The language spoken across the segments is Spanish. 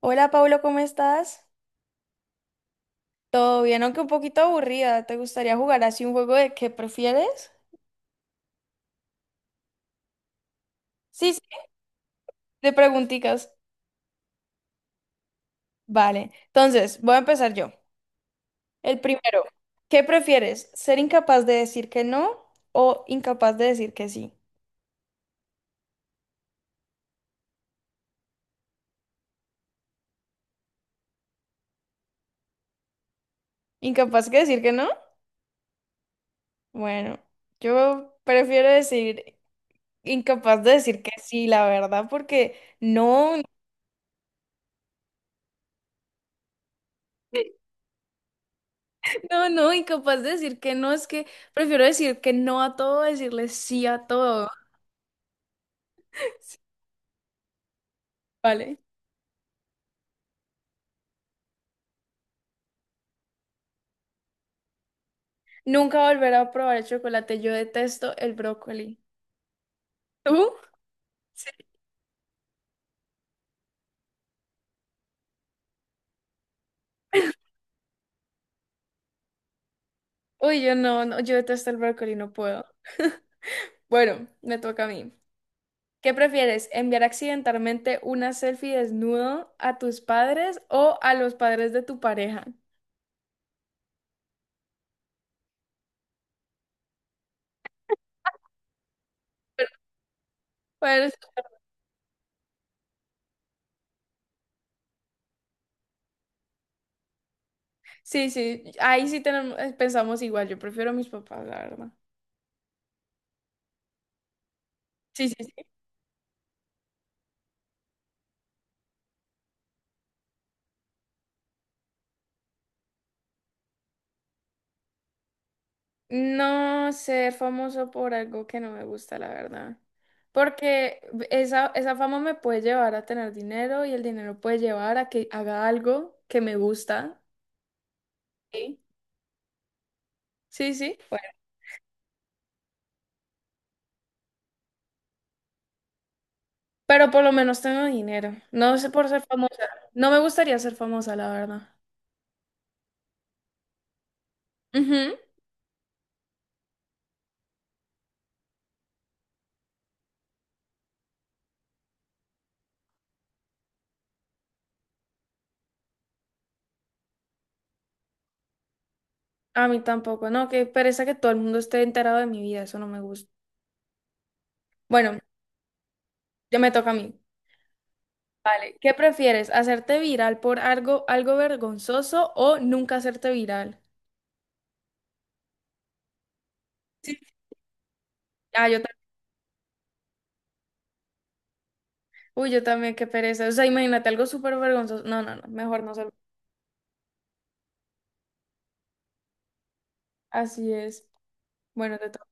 Hola Pablo, ¿cómo estás? Todo bien, aunque un poquito aburrida. ¿Te gustaría jugar así un juego de qué prefieres? Sí, sí, de preguntitas. Vale, entonces voy a empezar yo. El primero, ¿qué prefieres? ¿Ser incapaz de decir que no o incapaz de decir que sí? ¿Incapaz de decir que no? Bueno, yo prefiero decir incapaz de decir que sí, la verdad, porque no, no, no, incapaz de decir que no, es que prefiero decir que no a todo, decirle sí a todo. Vale. Nunca volveré a probar el chocolate. Yo detesto el brócoli. ¿Tú? Sí. Uy, yo no, no, yo detesto el brócoli, no puedo. Bueno, me toca a mí. ¿Qué prefieres? ¿Enviar accidentalmente una selfie desnudo a tus padres o a los padres de tu pareja? Pues sí, sí, ahí sí tenemos, pensamos igual. Yo prefiero a mis papás, la verdad. Sí, sí, no ser famoso por algo que no me gusta, la verdad. Porque esa fama me puede llevar a tener dinero y el dinero puede llevar a que haga algo que me gusta. Sí, sí, sí. Bueno, pero por lo menos tengo dinero. No sé por ser famosa. No me gustaría ser famosa, la verdad. Ujú. A mí tampoco, no, que pereza que todo el mundo esté enterado de mi vida, eso no me gusta. Bueno, ya me toca a mí. Vale, ¿qué prefieres? ¿Hacerte viral por algo, algo vergonzoso o nunca hacerte viral? Ah, yo también. Uy, yo también, qué pereza. O sea, imagínate algo súper vergonzoso. No, no, no, mejor no salgo. Así es. Bueno, te toca.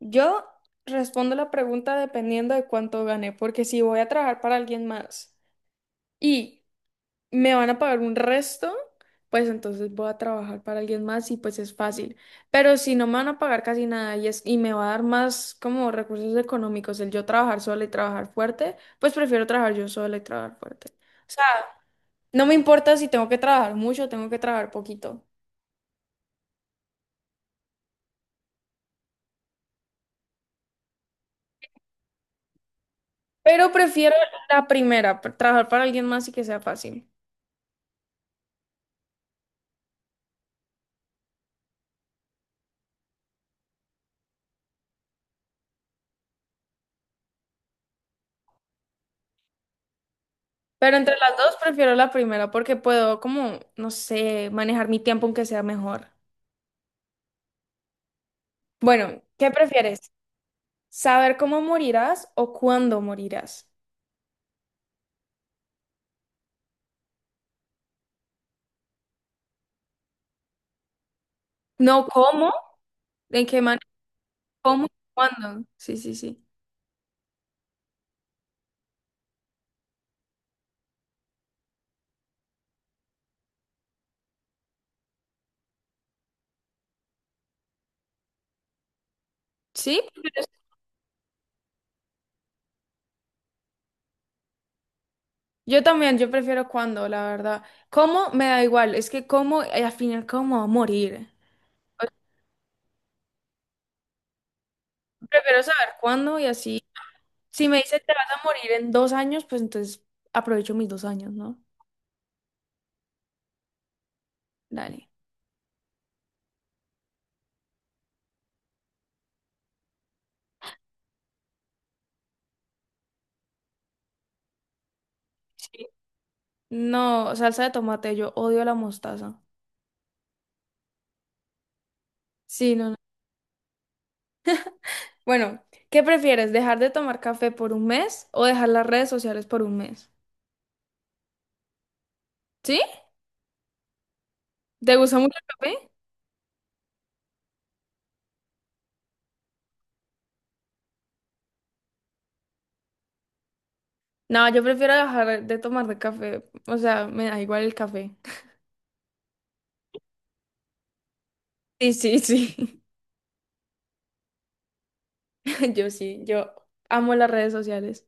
Yo respondo la pregunta dependiendo de cuánto gané, porque si voy a trabajar para alguien más y me van a pagar un resto, pues entonces voy a trabajar para alguien más y pues es fácil. Pero si no me van a pagar casi nada y, es, y me va a dar más como recursos económicos el yo trabajar sola y trabajar fuerte, pues prefiero trabajar yo sola y trabajar fuerte. O sea, no me importa si tengo que trabajar mucho o tengo que trabajar poquito, pero prefiero la primera, trabajar para alguien más y que sea fácil. Pero entre las dos prefiero la primera porque puedo, como, no sé, manejar mi tiempo aunque sea mejor. Bueno, ¿qué prefieres? ¿Saber cómo morirás o cuándo morirás? No cómo, en qué manera, cómo, cuándo. Sí, sí, sí. Sí, prefieres- yo también, yo prefiero cuándo, la verdad. ¿Cómo? Me da igual, es que cómo, al final, cómo voy a morir. Prefiero saber cuándo y así. Si me dice te vas a morir en dos años, pues entonces aprovecho mis dos años, ¿no? Dale. Sí. No, salsa de tomate, yo odio la mostaza. Sí, no, no. Bueno, ¿qué prefieres? ¿Dejar de tomar café por un mes o dejar las redes sociales por un mes? ¿Sí? ¿Te gusta mucho el café? No, yo prefiero dejar de tomar de café. O sea, me da igual el café. Sí, sí, sí. Yo sí, yo amo las redes sociales.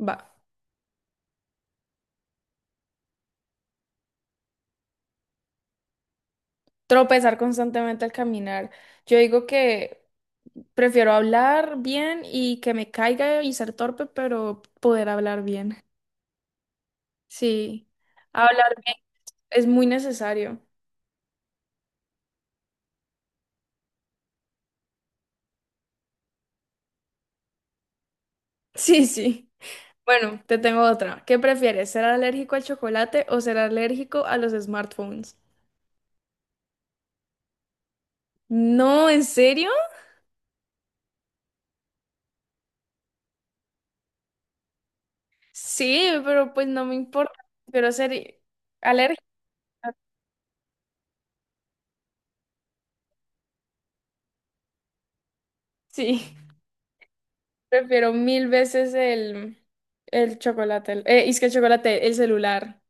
Va. Tropezar constantemente al caminar. Yo digo que prefiero hablar bien y que me caiga y ser torpe, pero poder hablar bien. Sí, hablar bien es muy necesario. Sí, sí. Bueno, te tengo otra. ¿Qué prefieres, ser alérgico al chocolate o ser alérgico a los smartphones? No, ¿en serio? Sí, pero pues no me importa. Prefiero ser alérgico. Sí, prefiero mil veces el chocolate. Es que el chocolate, el celular.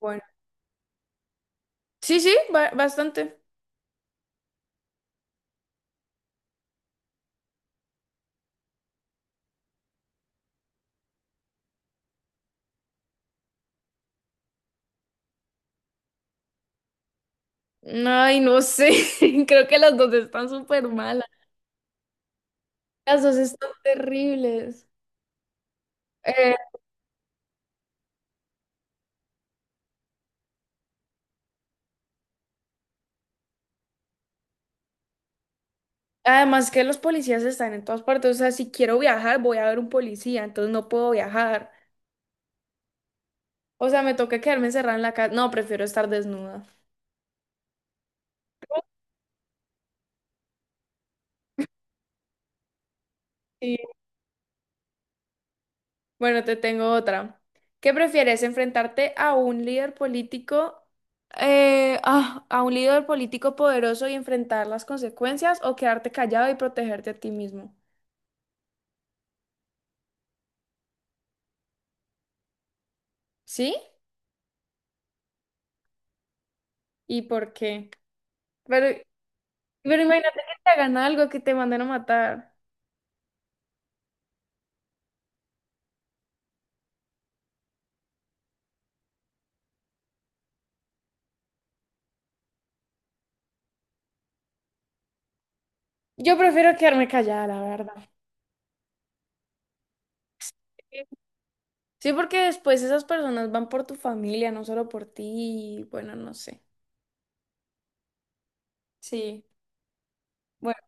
Bueno. Sí, sí, bastante. Ay, no sé. Creo que las dos están súper malas. Las dos están terribles. Eh, Además que los policías están en todas partes. O sea, si quiero viajar, voy a ver un policía, entonces no puedo viajar. O sea, me toca quedarme encerrada en la casa. No, prefiero estar desnuda. Sí. Bueno, te tengo otra. ¿Qué prefieres, enfrentarte a un líder político, a un líder político poderoso y enfrentar las consecuencias o quedarte callado y protegerte a ti mismo? ¿Sí? ¿Y por qué? Pero Pero imagínate que te hagan algo, que te manden a matar. Yo prefiero quedarme callada, la verdad. Sí, sí, porque después esas personas van por tu familia, no solo por ti. Y bueno, no sé. Sí. Bueno,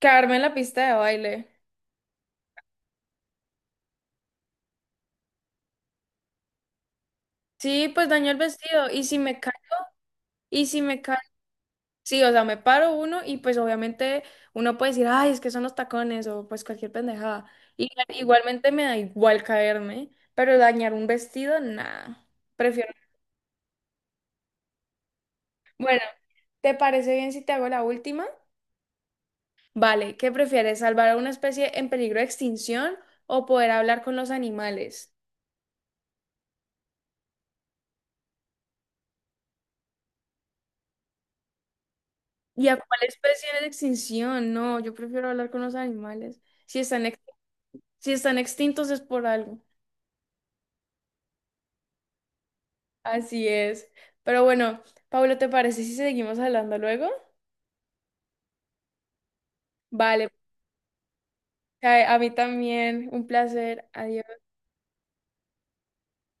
quedarme en la pista de baile. Sí, pues daño el vestido. Y si me cae. Sí, o sea, me paro uno y pues obviamente uno puede decir, ay, es que son los tacones o pues cualquier pendejada. Y igualmente me da igual caerme, pero dañar un vestido, nada. Prefiero. Bueno, ¿te parece bien si te hago la última? Vale, ¿qué prefieres, salvar a una especie en peligro de extinción o poder hablar con los animales? ¿Y a cuál especie en extinción? No, yo prefiero hablar con los animales. Si están extintos es por algo. Así es. Pero bueno, Pablo, ¿te parece si seguimos hablando luego? Vale, pues, a mí también, un placer. Adiós.